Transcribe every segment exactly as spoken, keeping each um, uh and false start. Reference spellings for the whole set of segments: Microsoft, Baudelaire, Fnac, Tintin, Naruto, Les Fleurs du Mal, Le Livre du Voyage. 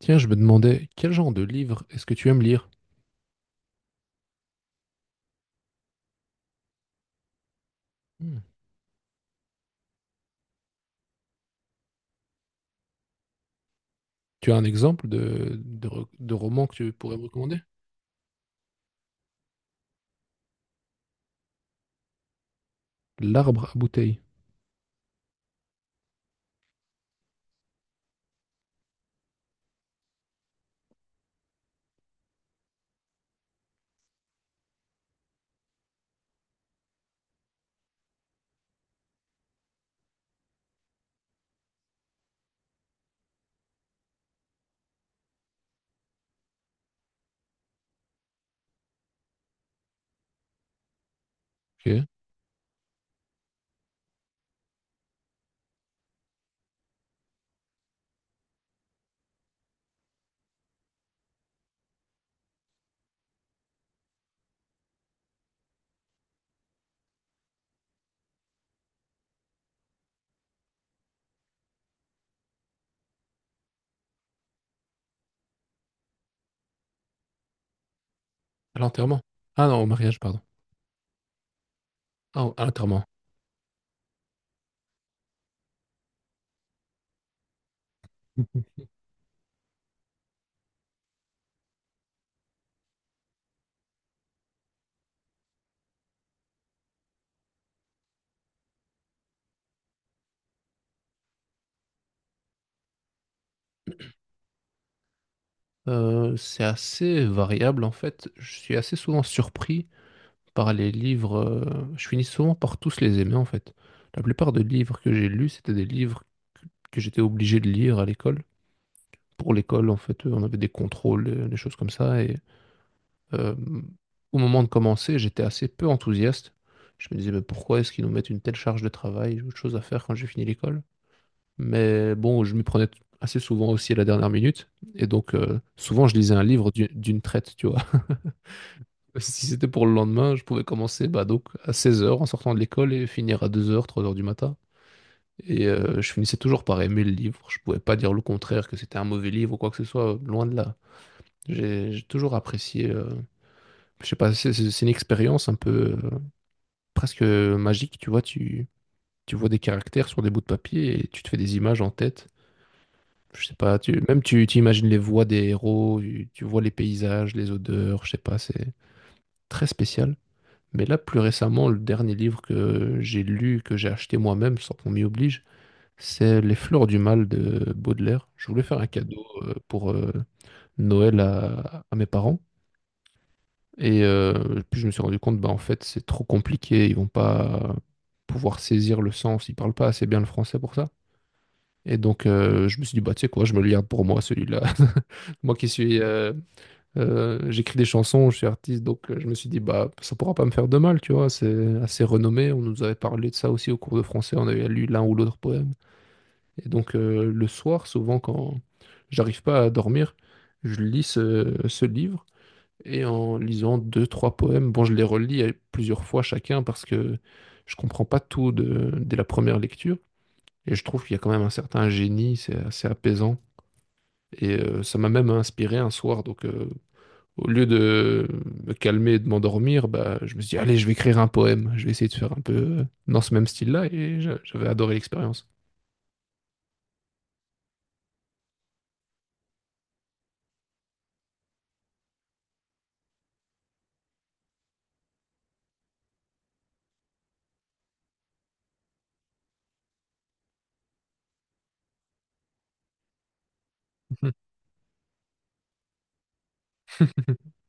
Tiens, je me demandais, quel genre de livre est-ce que tu aimes lire? Hmm. Tu as un exemple de, de, re- de roman que tu pourrais me recommander? L'arbre à bouteilles. Ok. À l'enterrement. Ah non, au mariage, pardon. Ah, au- à l'enterrement. Euh, c'est assez variable en fait. Je suis assez souvent surpris par les livres. Euh, je finis souvent par tous les aimer en fait. La plupart des livres que j'ai lus, c'était des livres que, que j'étais obligé de lire à l'école. Pour l'école, en fait, euh, on avait des contrôles, euh, des choses comme ça. Et euh, au moment de commencer, j'étais assez peu enthousiaste. Je me disais, mais pourquoi est-ce qu'ils nous mettent une telle charge de travail? J'ai autre chose à faire quand j'ai fini l'école. Mais bon, je m'y prenais t- assez souvent aussi à la dernière minute. Et donc, euh, souvent, je lisais un livre d'une d'une traite, tu vois. Si c'était pour le lendemain, je pouvais commencer bah, donc à seize heures en sortant de l'école et finir à deux heures, trois heures du matin. Et euh, je finissais toujours par aimer le livre. Je pouvais pas dire le contraire, que c'était un mauvais livre ou quoi que ce soit, euh, loin de là. J'ai j'ai toujours apprécié. Euh, je sais pas, c'est c'est- c'est une expérience un peu euh, presque magique, tu vois. Tu, tu vois des caractères sur des bouts de papier et tu te fais des images en tête. Je sais pas, tu, même tu, tu imagines les voix des héros, tu, tu vois les paysages, les odeurs, je sais pas, c'est très spécial. Mais là, plus récemment, le dernier livre que j'ai lu, que j'ai acheté moi-même, sans qu'on m'y oblige, c'est Les Fleurs du Mal de Baudelaire. Je voulais faire un cadeau euh, pour euh, Noël à, à mes parents. Et euh, puis je me suis rendu compte, bah, en fait, c'est trop compliqué. Ils vont pas pouvoir saisir le sens. Ils parlent pas assez bien le français pour ça. Et donc, euh, je me suis dit, bah, tu sais quoi, je me le garde pour moi, celui-là. Moi qui suis euh, euh, J'écris des chansons, je suis artiste, donc euh, je me suis dit, bah, ça pourra pas me faire de mal, tu vois, c'est assez renommé. On nous avait parlé de ça aussi au cours de français, on avait lu l'un ou l'autre poème. Et donc, euh, le soir, souvent, quand j'arrive pas à dormir, je lis ce, ce livre et en lisant deux, trois poèmes, bon, je les relis euh, plusieurs fois chacun parce que je comprends pas tout de- dès la première lecture. Et je trouve qu'il y a quand même un certain génie, c'est assez apaisant. Et euh, ça m'a même inspiré un soir, donc euh, au lieu de me calmer et de m'endormir, bah, je me suis dit, allez, je vais écrire un poème. Je vais essayer de faire un peu euh, dans ce même style-là et j'a- j'avais adoré l'expérience.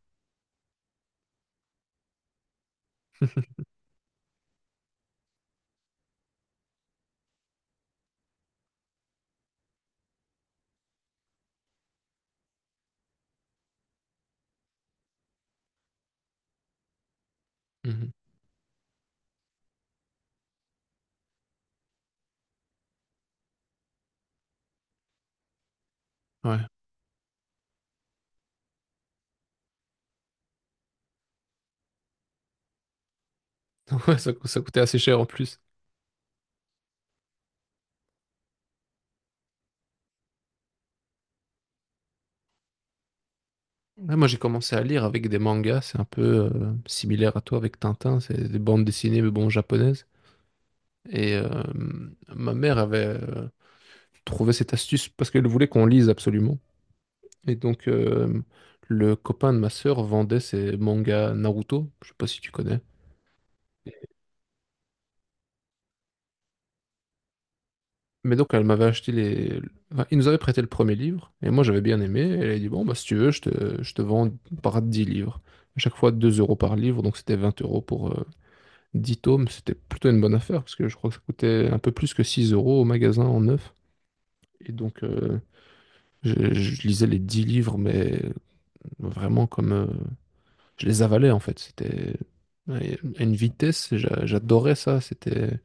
Mhm. Ouais. Ouais, ça, cou- ça coûtait assez cher en plus. Ouais, moi, j'ai commencé à lire avec des mangas, c'est un peu euh, similaire à toi avec Tintin, c'est des bandes dessinées, mais bon, japonaises. Et euh, ma mère avait euh, trouvé cette astuce parce qu'elle voulait qu'on lise absolument. Et donc, euh, le copain de ma sœur vendait ses mangas Naruto, je sais pas si tu connais. Mais donc, elle m'avait acheté les. Enfin, il nous avait prêté le premier livre, et moi j'avais bien aimé. Et elle a dit, bon, bah, si tu veux, je te, je te vends par dix livres. À chaque fois deux euros par livre, donc c'était vingt euros pour euh, dix tomes. C'était plutôt une bonne affaire, parce que je crois que ça coûtait un peu plus que six euros au magasin en neuf. Et donc, euh, je, je lisais les dix livres, mais vraiment comme, euh, je les avalais en fait. C'était, ouais, à une vitesse, j'a- j'adorais ça. C'était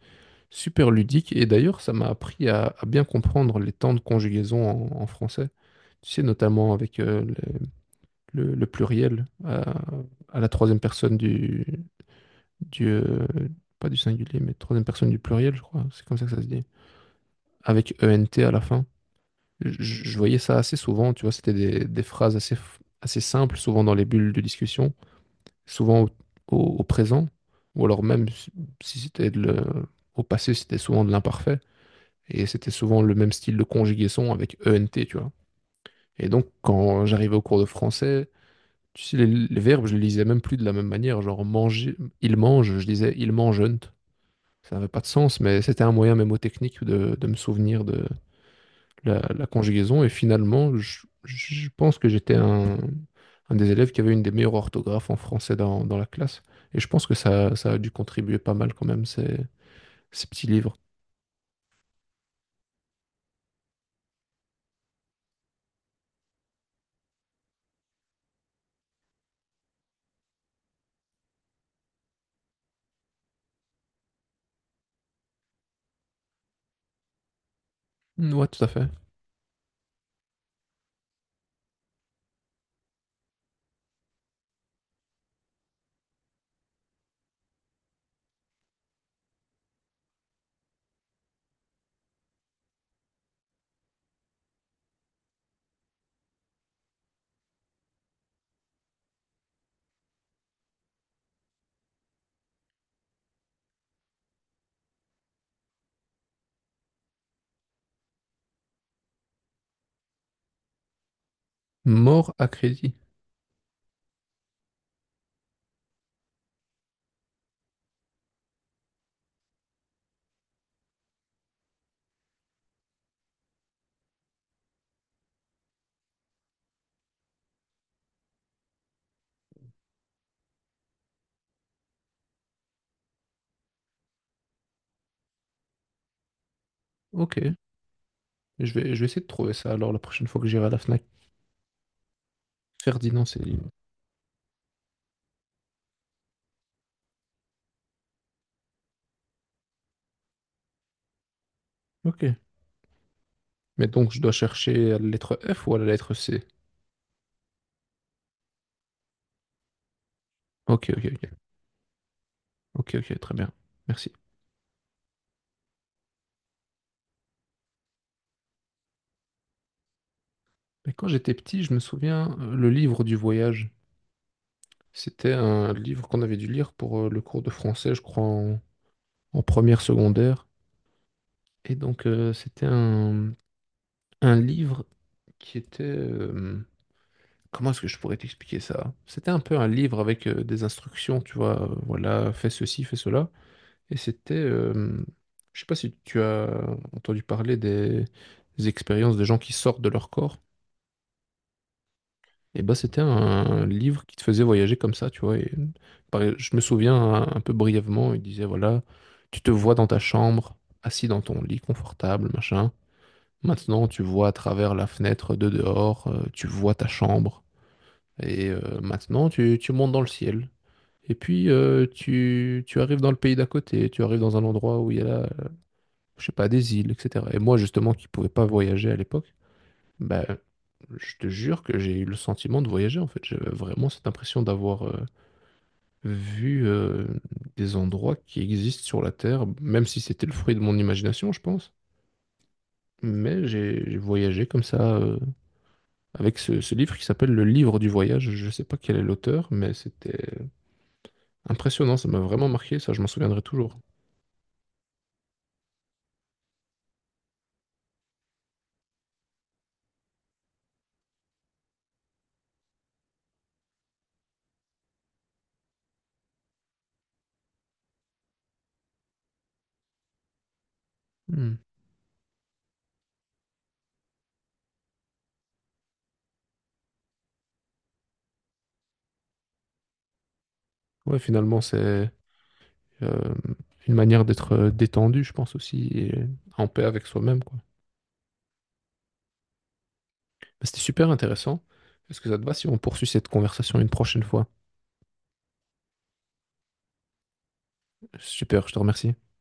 super ludique. Et d'ailleurs, ça m'a appris à, à bien comprendre les temps de conjugaison en, en français. Tu sais, notamment avec euh, le, le- le pluriel euh, à, la troisième personne du, du euh, pas du singulier, mais troisième personne du pluriel, je crois. C'est comme ça que ça se dit. Avec e n t à la fin. Je, je voyais ça assez souvent. Tu vois, c'était des, des phrases assez, f- assez simples, souvent dans les bulles de discussion, souvent au, au- au présent, ou alors même si si c'était de le- au passé, c'était souvent de l'imparfait. Et c'était souvent le même style de conjugaison avec E N T, tu vois. Et donc, quand j'arrivais au cours de français, tu sais, les, les verbes, je les lisais même plus de la même manière. Genre, manger, il mange, je disais il mangeant. Ça n'avait pas de sens, mais c'était un moyen mémotechnique de, de me souvenir de la, la conjugaison. Et finalement, je, je pense que j'étais un, un des élèves qui avait une des meilleures orthographes en français dans, dans la classe. Et je pense que ça, ça a dû contribuer pas mal quand même, ces, ces petits livres. Ouais, tout à fait. Mort à crédit. Ok. Je vais, je vais essayer de trouver ça alors la prochaine fois que j'irai à la Fnac. Ferdinand, c'est... Ok. Mais donc, je dois chercher à la lettre F ou à la lettre C? Ok, ok, ok. Ok, ok, très bien. Merci. Mais quand j'étais petit, je me souviens, euh, le livre du voyage, c'était un livre qu'on avait dû lire pour euh, le cours de français, je crois, en, en première secondaire. Et donc, euh, c'était un, un livre qui était, euh, comment est-ce que je pourrais t'expliquer ça? C'était un peu un livre avec euh, des instructions, tu vois, euh, voilà, fais ceci, fais cela. Et c'était, euh, je sais pas si tu as entendu parler des, des expériences de gens qui sortent de leur corps. Et bah c'était un livre qui te faisait voyager comme ça, tu vois. Et pareil, je me souviens un, un peu brièvement, il disait voilà, tu te vois dans ta chambre, assis dans ton lit confortable, machin. Maintenant, tu vois à travers la fenêtre de dehors, euh, tu vois ta chambre. Et euh, maintenant, tu, tu montes dans le ciel. Et puis, euh, tu, tu arrives dans le pays d'à côté, tu arrives dans un endroit où il y a la, je sais pas, des îles, et cetera. Et moi, justement, qui pouvais pas voyager à l'époque, ben, je te jure que j'ai eu le sentiment de voyager, en fait. J'avais vraiment cette impression d'avoir euh, vu euh, des endroits qui existent sur la Terre, même si c'était le fruit de mon imagination, je pense. Mais j'ai j'ai voyagé comme ça, euh, avec ce, ce livre qui s'appelle Le Livre du Voyage. Je sais pas quel est l'auteur, mais c'était impressionnant. Ça m'a vraiment marqué, ça, je m'en souviendrai toujours. Hmm. Ouais, finalement, c'est... Euh, une manière d'être euh, détendu, je pense aussi, et en paix avec soi-même, quoi. Bah, c'était super intéressant. Est-ce que ça te va si on poursuit cette conversation une prochaine fois? Super, je te remercie.